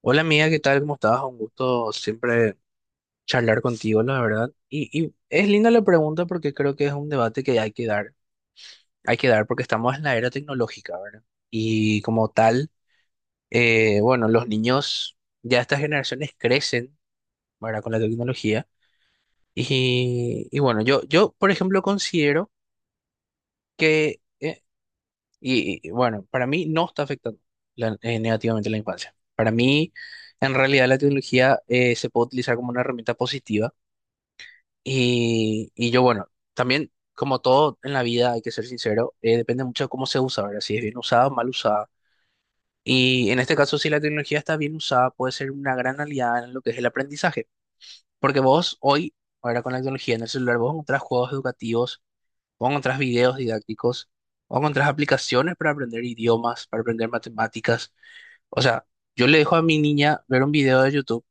Hola amiga, ¿qué tal? ¿Cómo estás? Un gusto siempre charlar contigo, la verdad. Y es linda la pregunta porque creo que es un debate que hay que dar. Hay que dar porque estamos en la era tecnológica, ¿verdad? Y como tal, bueno, los niños, ya estas generaciones crecen, ¿verdad? Con la tecnología. Y bueno, yo, por ejemplo, considero que para mí no está afectando negativamente la infancia. Para mí, en realidad, la tecnología se puede utilizar como una herramienta positiva. Y yo, bueno, también, como todo en la vida, hay que ser sincero, depende mucho de cómo se usa, ¿verdad? Si es bien usada o mal usada. Y en este caso, si la tecnología está bien usada, puede ser una gran aliada en lo que es el aprendizaje. Porque vos hoy, ahora con la tecnología en el celular, vos encontrás juegos educativos, vos encontrás videos didácticos, vos encontrás aplicaciones para aprender idiomas, para aprender matemáticas. O sea, yo le dejo a mi niña ver un video de YouTube,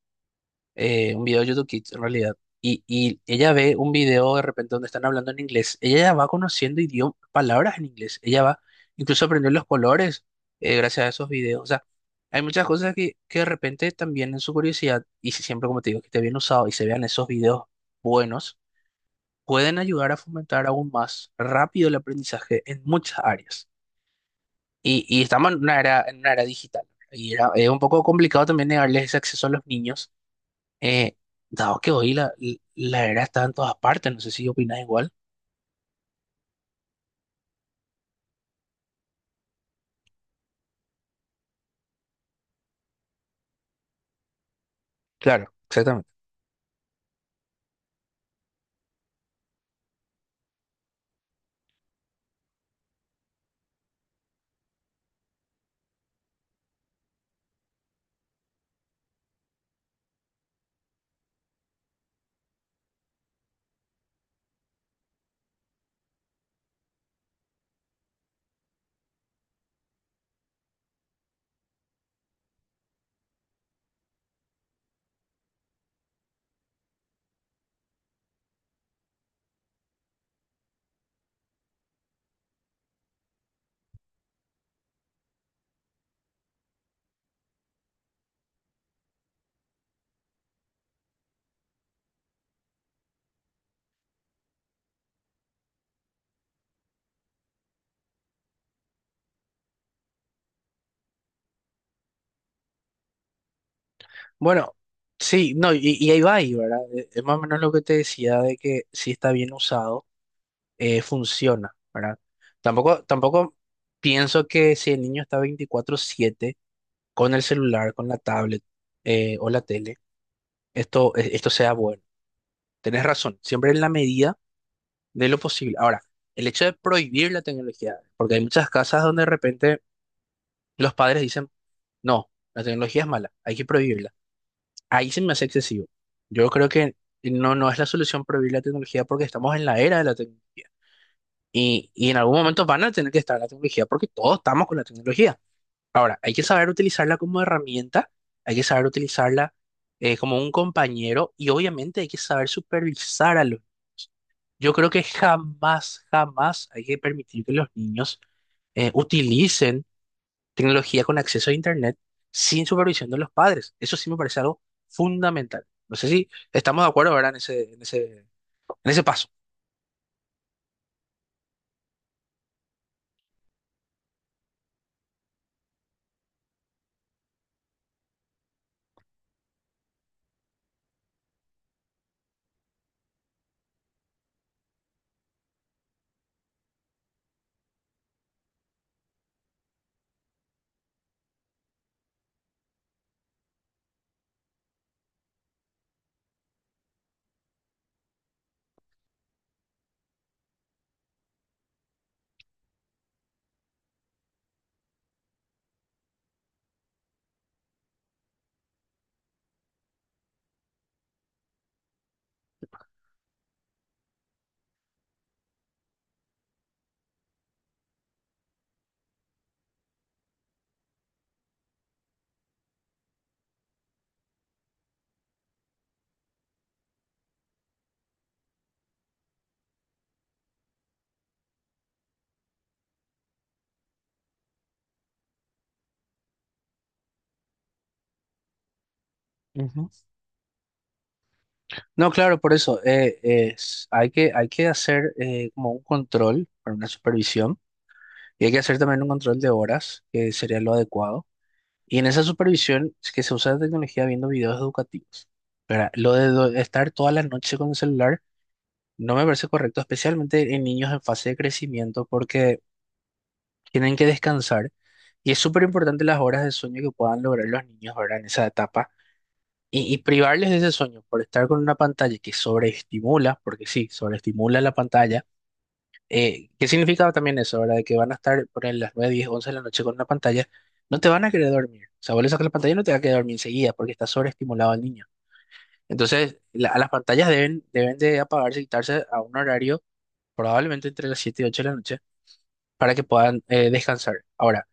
un video de YouTube Kids en realidad, y ella ve un video de repente donde están hablando en inglés, ella ya va conociendo idioma, palabras en inglés, ella va, incluso aprendió los colores gracias a esos videos. O sea, hay muchas cosas que de repente también en su curiosidad, y si siempre como te digo, que esté bien usado y se vean esos videos buenos, pueden ayudar a fomentar aún más rápido el aprendizaje en muchas áreas. Y estamos en una era digital. Y era, es un poco complicado también negarles ese acceso a los niños, eh, dado que hoy la era está en todas partes, no sé si opinas igual. Claro, exactamente. Bueno, sí, no, y ahí va ahí, ¿verdad? Es más o menos lo que te decía de que si está bien usado, funciona, ¿verdad? Tampoco pienso que si el niño está 24/7 con el celular, con la tablet, o la tele, esto sea bueno. Tenés razón, siempre en la medida de lo posible. Ahora, el hecho de prohibir la tecnología, porque hay muchas casas donde de repente los padres dicen: «No, la tecnología es mala, hay que prohibirla». Ahí se me hace excesivo. Yo creo que no, no es la solución prohibir la tecnología porque estamos en la era de la tecnología. Y en algún momento van a tener que estar la tecnología porque todos estamos con la tecnología. Ahora, hay que saber utilizarla como herramienta, hay que saber utilizarla como un compañero y obviamente hay que saber supervisar a los niños. Yo creo que jamás hay que permitir que los niños utilicen tecnología con acceso a Internet sin supervisión de los padres. Eso sí me parece algo fundamental. No sé si estamos de acuerdo, ¿verdad? En ese, en ese, en ese paso. Ujú. No, claro, por eso hay que hacer como un control para una supervisión y hay que hacer también un control de horas, que sería lo adecuado. Y en esa supervisión es que se usa la tecnología viendo videos educativos. ¿Verdad? Estar toda la noche con el celular no me parece correcto, especialmente en niños en fase de crecimiento, porque tienen que descansar y es súper importante las horas de sueño que puedan lograr los niños, ¿verdad? En esa etapa y privarles de ese sueño por estar con una pantalla que sobreestimula, porque sí, sobreestimula la pantalla. ¿Qué significa también eso, ¿verdad? De que van a estar por ahí las 9, 10, 11 de la noche con una pantalla, no te van a querer dormir. O sea, vos le sacas la pantalla y no te va a querer dormir enseguida porque está sobreestimulado el niño. Entonces, a las pantallas deben, deben de apagarse y quitarse a un horario probablemente entre las 7 y 8 de la noche para que puedan descansar. Ahora,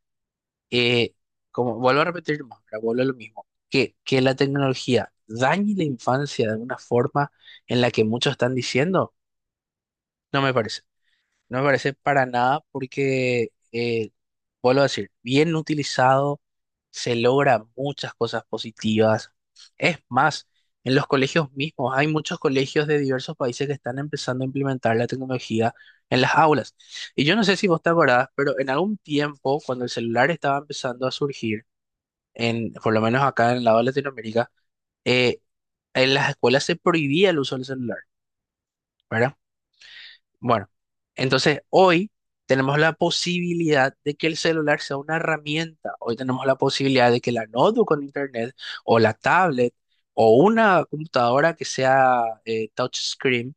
eh, como vuelvo a repetir más, pero vuelvo a lo mismo, que la tecnología dañe la infancia de una forma en la que muchos están diciendo, no me parece. No me parece para nada porque, vuelvo a decir, bien utilizado se logra muchas cosas positivas. Es más, en los colegios mismos, hay muchos colegios de diversos países que están empezando a implementar la tecnología en las aulas. Y yo no sé si vos te acordás, pero en algún tiempo, cuando el celular estaba empezando a surgir, en, por lo menos acá en el lado de Latinoamérica, eh, en las escuelas se prohibía el uso del celular, ¿verdad? Bueno, entonces hoy tenemos la posibilidad de que el celular sea una herramienta. Hoy tenemos la posibilidad de que la notebook con internet o la tablet o una computadora que sea touchscreen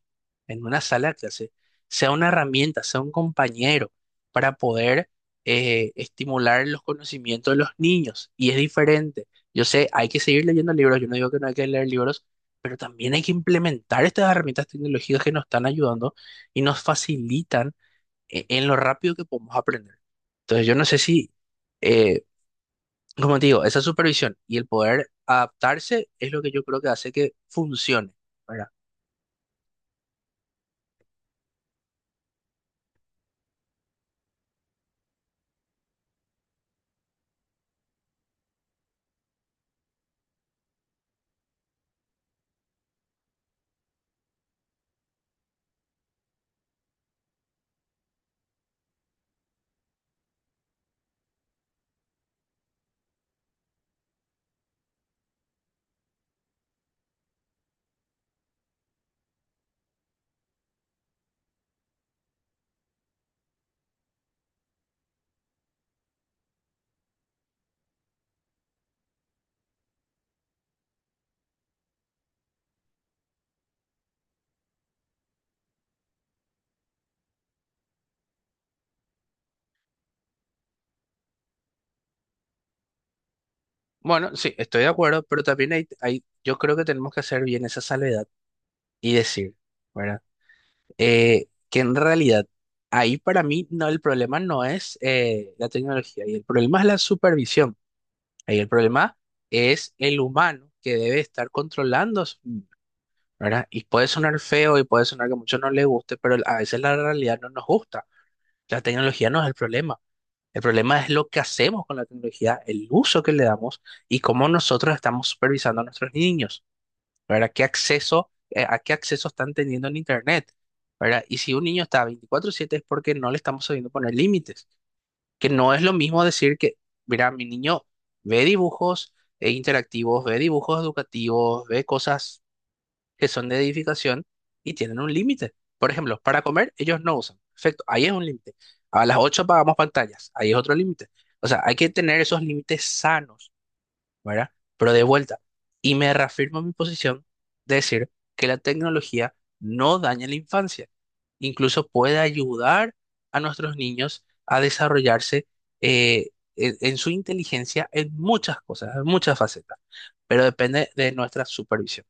en una sala de clase sea una herramienta, sea un compañero para poder estimular los conocimientos de los niños. Y es diferente. Yo sé, hay que seguir leyendo libros. Yo no digo que no hay que leer libros, pero también hay que implementar estas herramientas tecnológicas que nos están ayudando y nos facilitan en lo rápido que podemos aprender. Entonces, yo no sé si, eh, como te digo, esa supervisión y el poder adaptarse es lo que yo creo que hace que funcione, ¿verdad? Bueno, sí, estoy de acuerdo, pero también yo creo que tenemos que hacer bien esa salvedad y decir, ¿verdad? Que en realidad, ahí para mí no, el problema no es la tecnología, y el problema es la supervisión. Ahí el problema es el humano que debe estar controlando, ¿verdad? Y puede sonar feo y puede sonar que a muchos no les guste, pero a veces la realidad no nos gusta. La tecnología no es el problema. El problema es lo que hacemos con la tecnología, el uso que le damos y cómo nosotros estamos supervisando a nuestros niños. ¿Verdad? ¿Qué acceso, a qué acceso están teniendo en Internet? ¿Verdad? Y si un niño está 24/7 es porque no le estamos sabiendo poner límites, que no es lo mismo decir que, mira, mi niño ve dibujos interactivos, ve dibujos educativos, ve cosas que son de edificación y tienen un límite. Por ejemplo, para comer ellos no usan. Perfecto, ahí es un límite. A las 8 apagamos pantallas, ahí es otro límite. O sea, hay que tener esos límites sanos, ¿verdad? Pero de vuelta, y me reafirmo mi posición de decir que la tecnología no daña la infancia, incluso puede ayudar a nuestros niños a desarrollarse eh, en su inteligencia en muchas cosas, en muchas facetas, pero depende de nuestra supervisión.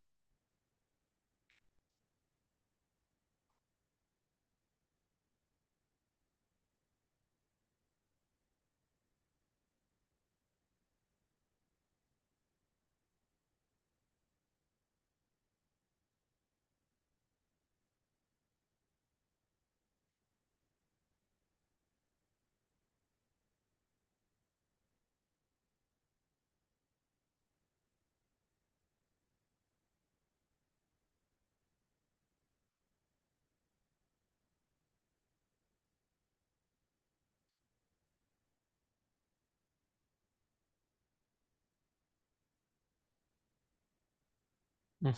Mm.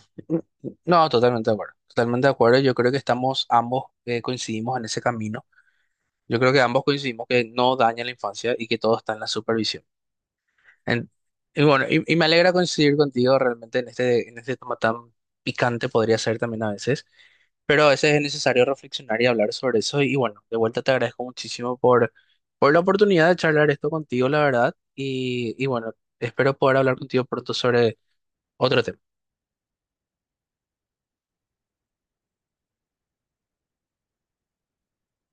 No, totalmente de acuerdo, yo creo que estamos ambos coincidimos en ese camino, yo creo que ambos coincidimos que no daña la infancia y que todo está en la supervisión. En- y bueno, y me alegra coincidir contigo realmente en este tema tan picante podría ser también a veces, pero a veces es necesario reflexionar y hablar sobre eso. Y bueno, de vuelta te agradezco muchísimo por la oportunidad de charlar esto contigo, la verdad. Y bueno, espero poder hablar contigo pronto sobre otro tema.